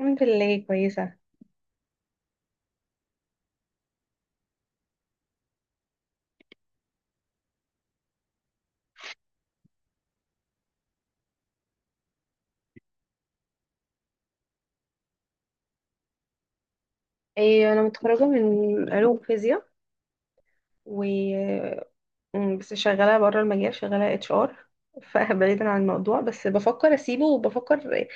الحمد لله، كويسة. إيه، أنا متخرجة من علوم فيزياء و بس شغالة بره المجال، شغالة اتش ار، فبعيدا عن الموضوع، بس بفكر أسيبه، وبفكر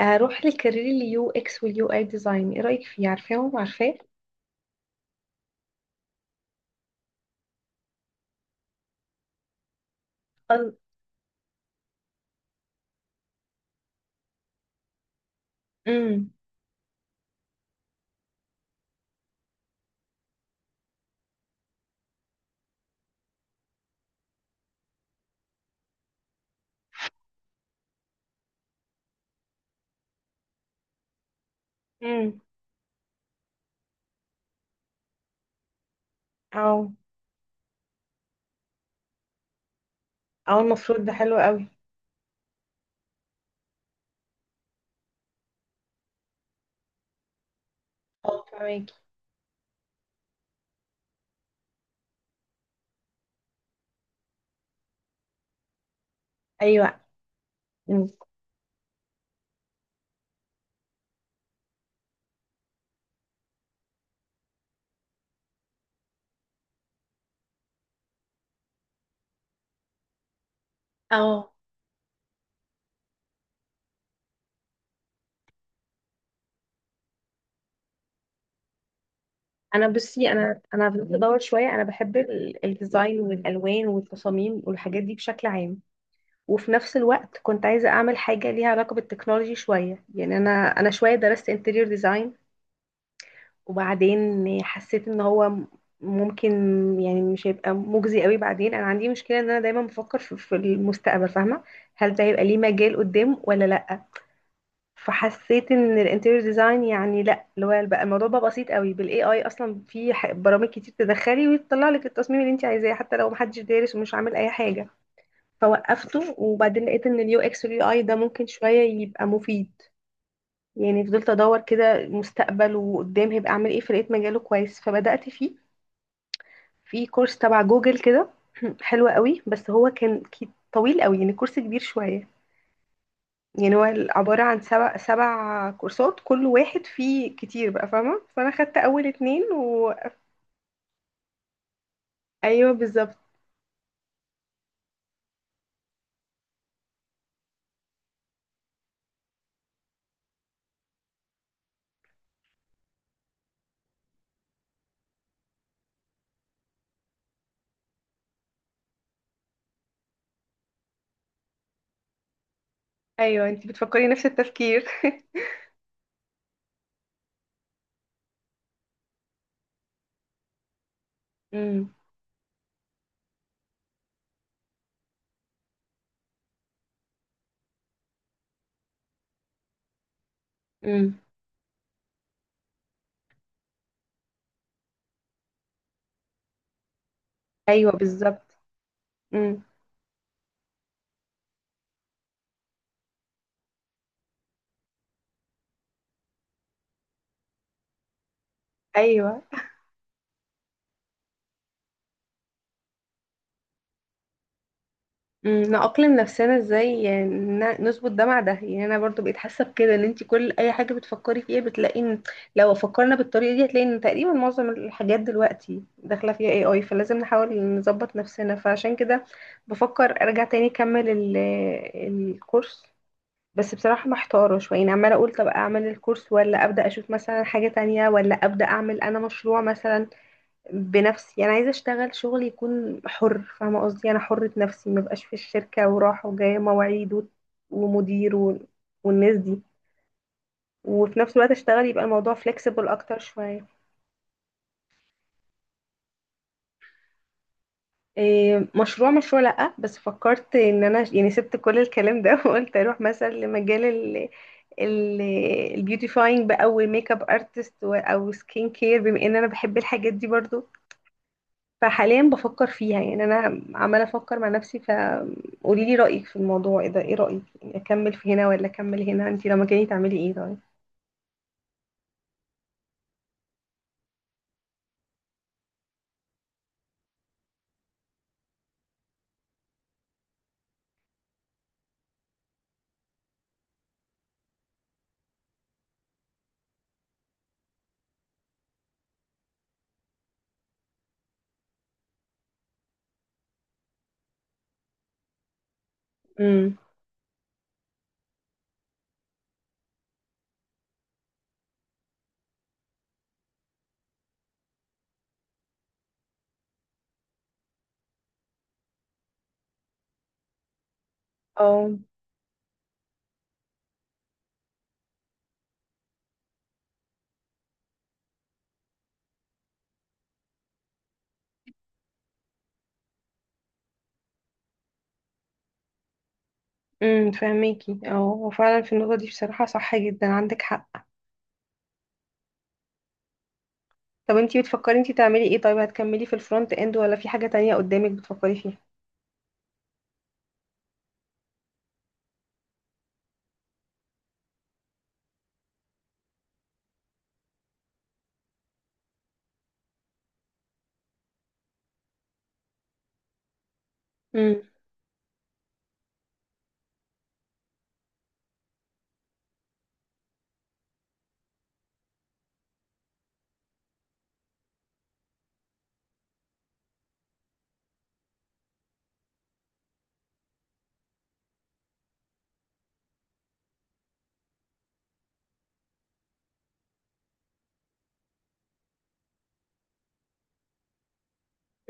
أروح للكارير اليو اكس واليو اي ديزاين. إيه رأيك فيه، عارفاهم عارفاه؟ أل- أمم. أمم. أو. أو المفروض ده حلو قوي. أه، فهماكي. أيوه. أمم. اه، انا بصي انا بدات ادور شويه، انا بحب الديزاين والالوان والتصاميم والحاجات دي بشكل عام، وفي نفس الوقت كنت عايزة أعمل حاجة ليها علاقة بالتكنولوجي شوية. يعني أنا شوية درست انتريور ديزاين، وبعدين حسيت إن هو ممكن يعني مش هيبقى مجزي قوي. بعدين أنا عندي مشكلة إن أنا دايما بفكر في المستقبل، فاهمة، هل ده هيبقى ليه مجال قدام ولا لأ. فحسيت إن الانتريور ديزاين يعني لأ، اللي هو بقى الموضوع بقى بسيط قوي بالاي اي، أصلا في برامج كتير تدخلي وتطلع لك التصميم اللي أنت عايزاه، حتى لو محدش دارس ومش عامل أي حاجة. فوقفته، وبعدين لقيت ان اليو اكس واليو اي ده ممكن شويه يبقى مفيد. يعني فضلت ادور كده، مستقبل وقدام هيبقى اعمل ايه، فلقيت مجاله كويس فبدات فيه، في كورس تبع جوجل كده. حلو قوي، بس هو كان طويل قوي، يعني كورس كبير شويه. يعني هو عباره عن سبع كورسات، كل واحد فيه كتير بقى، فاهمه، فانا خدت اول اتنين ايوه بالظبط. ايوه، انتي بتفكري نفس التفكير. امم. امم. ايوه بالظبط. امم. ايوه. مم، نأقلم نفسنا ازاي يعني، نظبط ده مع ده. يعني انا برضو بقيت حاسه بكده، ان انت كل اي حاجه بتفكري فيها بتلاقي ان لو فكرنا بالطريقه دي، هتلاقي ان تقريبا معظم الحاجات دلوقتي داخله فيها اي اي، فلازم نحاول نظبط نفسنا. فعشان كده بفكر ارجع تاني اكمل الكورس. بس بصراحه محتاره شويه، يعني عماله اقول طب اعمل الكورس، ولا ابدا اشوف مثلا حاجه تانية، ولا ابدا اعمل انا مشروع مثلا بنفسي. انا عايزه اشتغل شغل يكون حر، فاهمه قصدي، انا حره نفسي ما بقاش في الشركه، وراحه وجايه، مواعيد ومدير والناس دي. وفي نفس الوقت اشتغل، يبقى الموضوع flexible اكتر شويه. إيه، مشروع؟ مشروع لا، بس فكرت ان انا يعني سبت كل الكلام ده وقلت اروح مثلا لمجال ال البيوتيفاينج بقى، والميك اب ارتست او سكين كير، بما ان انا بحب الحاجات دي برضو، فحاليا بفكر فيها. يعني انا عماله افكر مع نفسي، فقولي لي رايك في الموضوع ايه، ده ايه رايك، يعني اكمل في هنا ولا اكمل هنا، انت لما كاني تعملي ايه طيب؟ امم. اه. امم، فهميكي. اه، هو فعلا في النقطه دي بصراحه صح جدا، عندك حق. طب انت بتفكري انت تعملي ايه طيب، هتكملي في الفرونت اند ولا في حاجه تانية قدامك بتفكري فيها؟ امم.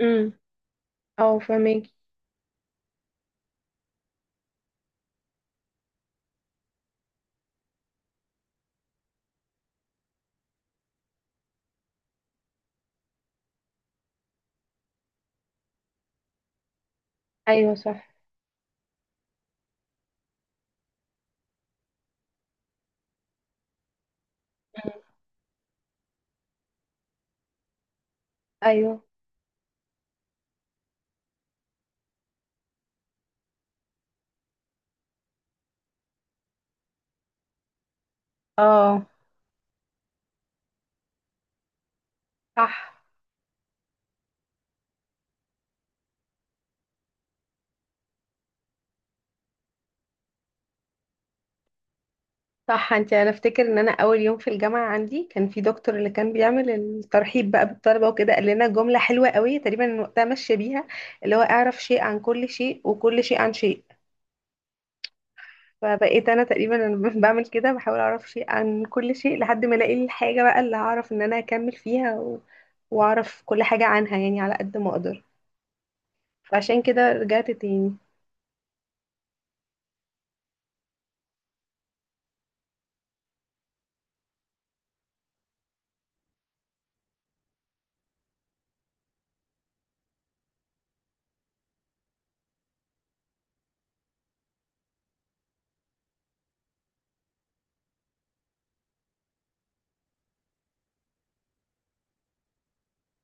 امم. اه فهميكي. ايوه صح. ايوه. اه صح. صح، انت، انا افتكر ان انا اول يوم في الجامعه عندي، كان في دكتور اللي كان بيعمل الترحيب بقى بالطلبه وكده، قال لنا جمله حلوه قوي تقريبا وقتها، ماشيه بيها، اللي هو اعرف شيء عن كل شيء، وكل شيء عن شيء. فبقيت انا تقريبا انا بعمل كده، بحاول اعرف شيء عن كل شيء لحد ما الاقي الحاجه بقى اللي هعرف ان انا اكمل فيها واعرف كل حاجه عنها، يعني على قد ما اقدر. فعشان كده رجعت تاني.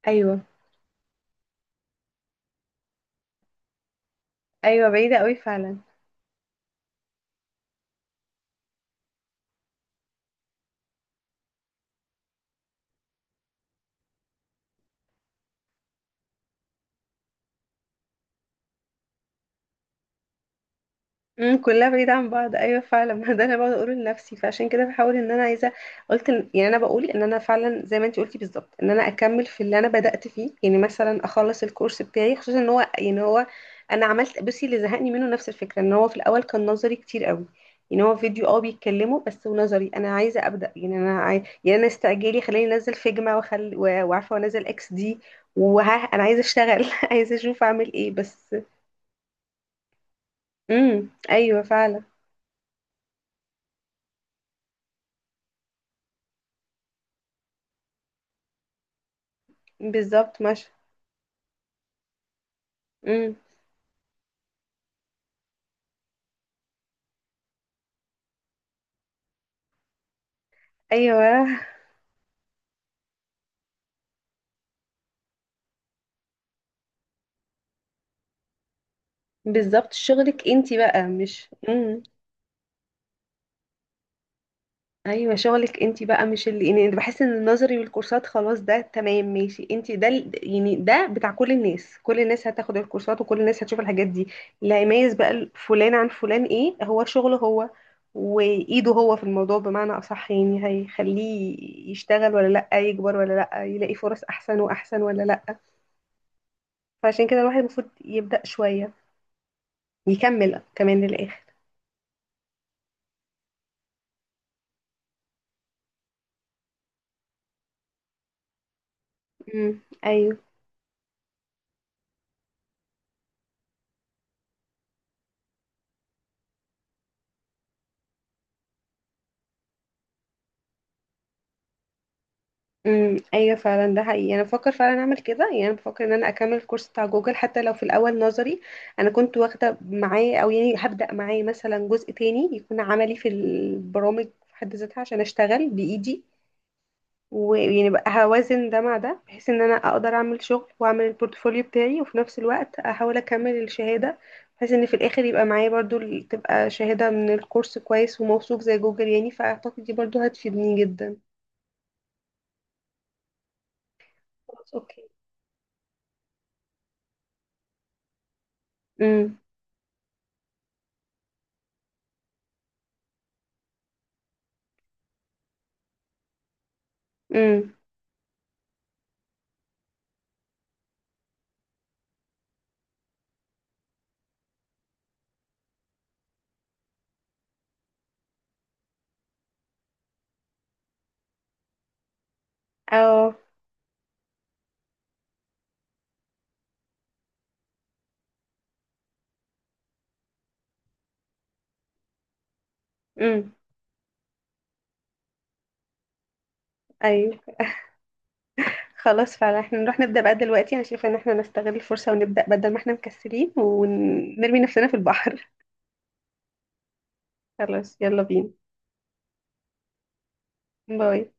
ايوه. ايوه، بعيده قوي فعلا. امم، كلها بعيدة عن بعض، ايوه فعلا. ما ده انا بقعد اقوله لنفسي، فعشان كده بحاول ان انا عايزة، يعني انا بقول ان انا فعلا زي ما انت قلتي بالظبط، ان انا اكمل في اللي انا بدأت فيه. يعني مثلا اخلص الكورس بتاعي، خصوصا ان هو يعني هو، انا عملت، بصي، اللي زهقني منه نفس الفكرة ان هو في الاول كان نظري كتير قوي. يعني هو فيديو اه بيتكلموا بس ونظري، انا عايزة ابدأ، يعني انا يعني انا استعجالي خليني انزل فيجما وعارفة، وانزل اكس دي، وها انا عايزة اشتغل عايزة اشوف اعمل ايه بس. امم، ايوه فعلا. بالظبط ماشي. امم. ايوه بالظبط. شغلك انت بقى مش، امم. ايوه، شغلك انت بقى مش اللي، يعني بحس ان النظري والكورسات خلاص ده تمام ماشي، انت ده يعني ده بتاع كل الناس، كل الناس هتاخد الكورسات وكل الناس هتشوف الحاجات دي. اللي هيميز بقى فلان عن فلان، ايه، هو شغله هو، وايده هو في الموضوع بمعنى اصح، يعني هيخليه يشتغل ولا لا، يكبر ولا لا، يلاقي فرص احسن واحسن ولا لا. فعشان كده الواحد المفروض يبدأ شوية يكمل كمان للاخر. امم. ايوه. امم، ايوه فعلا، ده حقيقي، انا بفكر فعلا اعمل كده. يعني انا بفكر ان انا اكمل الكورس بتاع جوجل، حتى لو في الاول نظري انا كنت واخده معاه، او يعني هبدا معاه مثلا جزء تاني يكون عملي في البرامج في حد ذاتها، عشان اشتغل بايدي. ويعني بقى هوازن ده مع ده، بحيث ان انا اقدر اعمل شغل واعمل البورتفوليو بتاعي، وفي نفس الوقت احاول اكمل الشهاده، بحيث ان في الاخر يبقى معايا برضو تبقى شهاده من الكورس كويس وموثوق زي جوجل، يعني فاعتقد دي برضو هتفيدني جدا. خلاص، اوكي. امم. امم. اه. امم. ايوه. خلاص فعلا، احنا نروح نبدأ بقى دلوقتي، انا شايفه ان احنا نستغل الفرصة ونبدأ، بدل ما احنا مكسلين، ونرمي نفسنا في البحر. خلاص، يلا بينا. باي.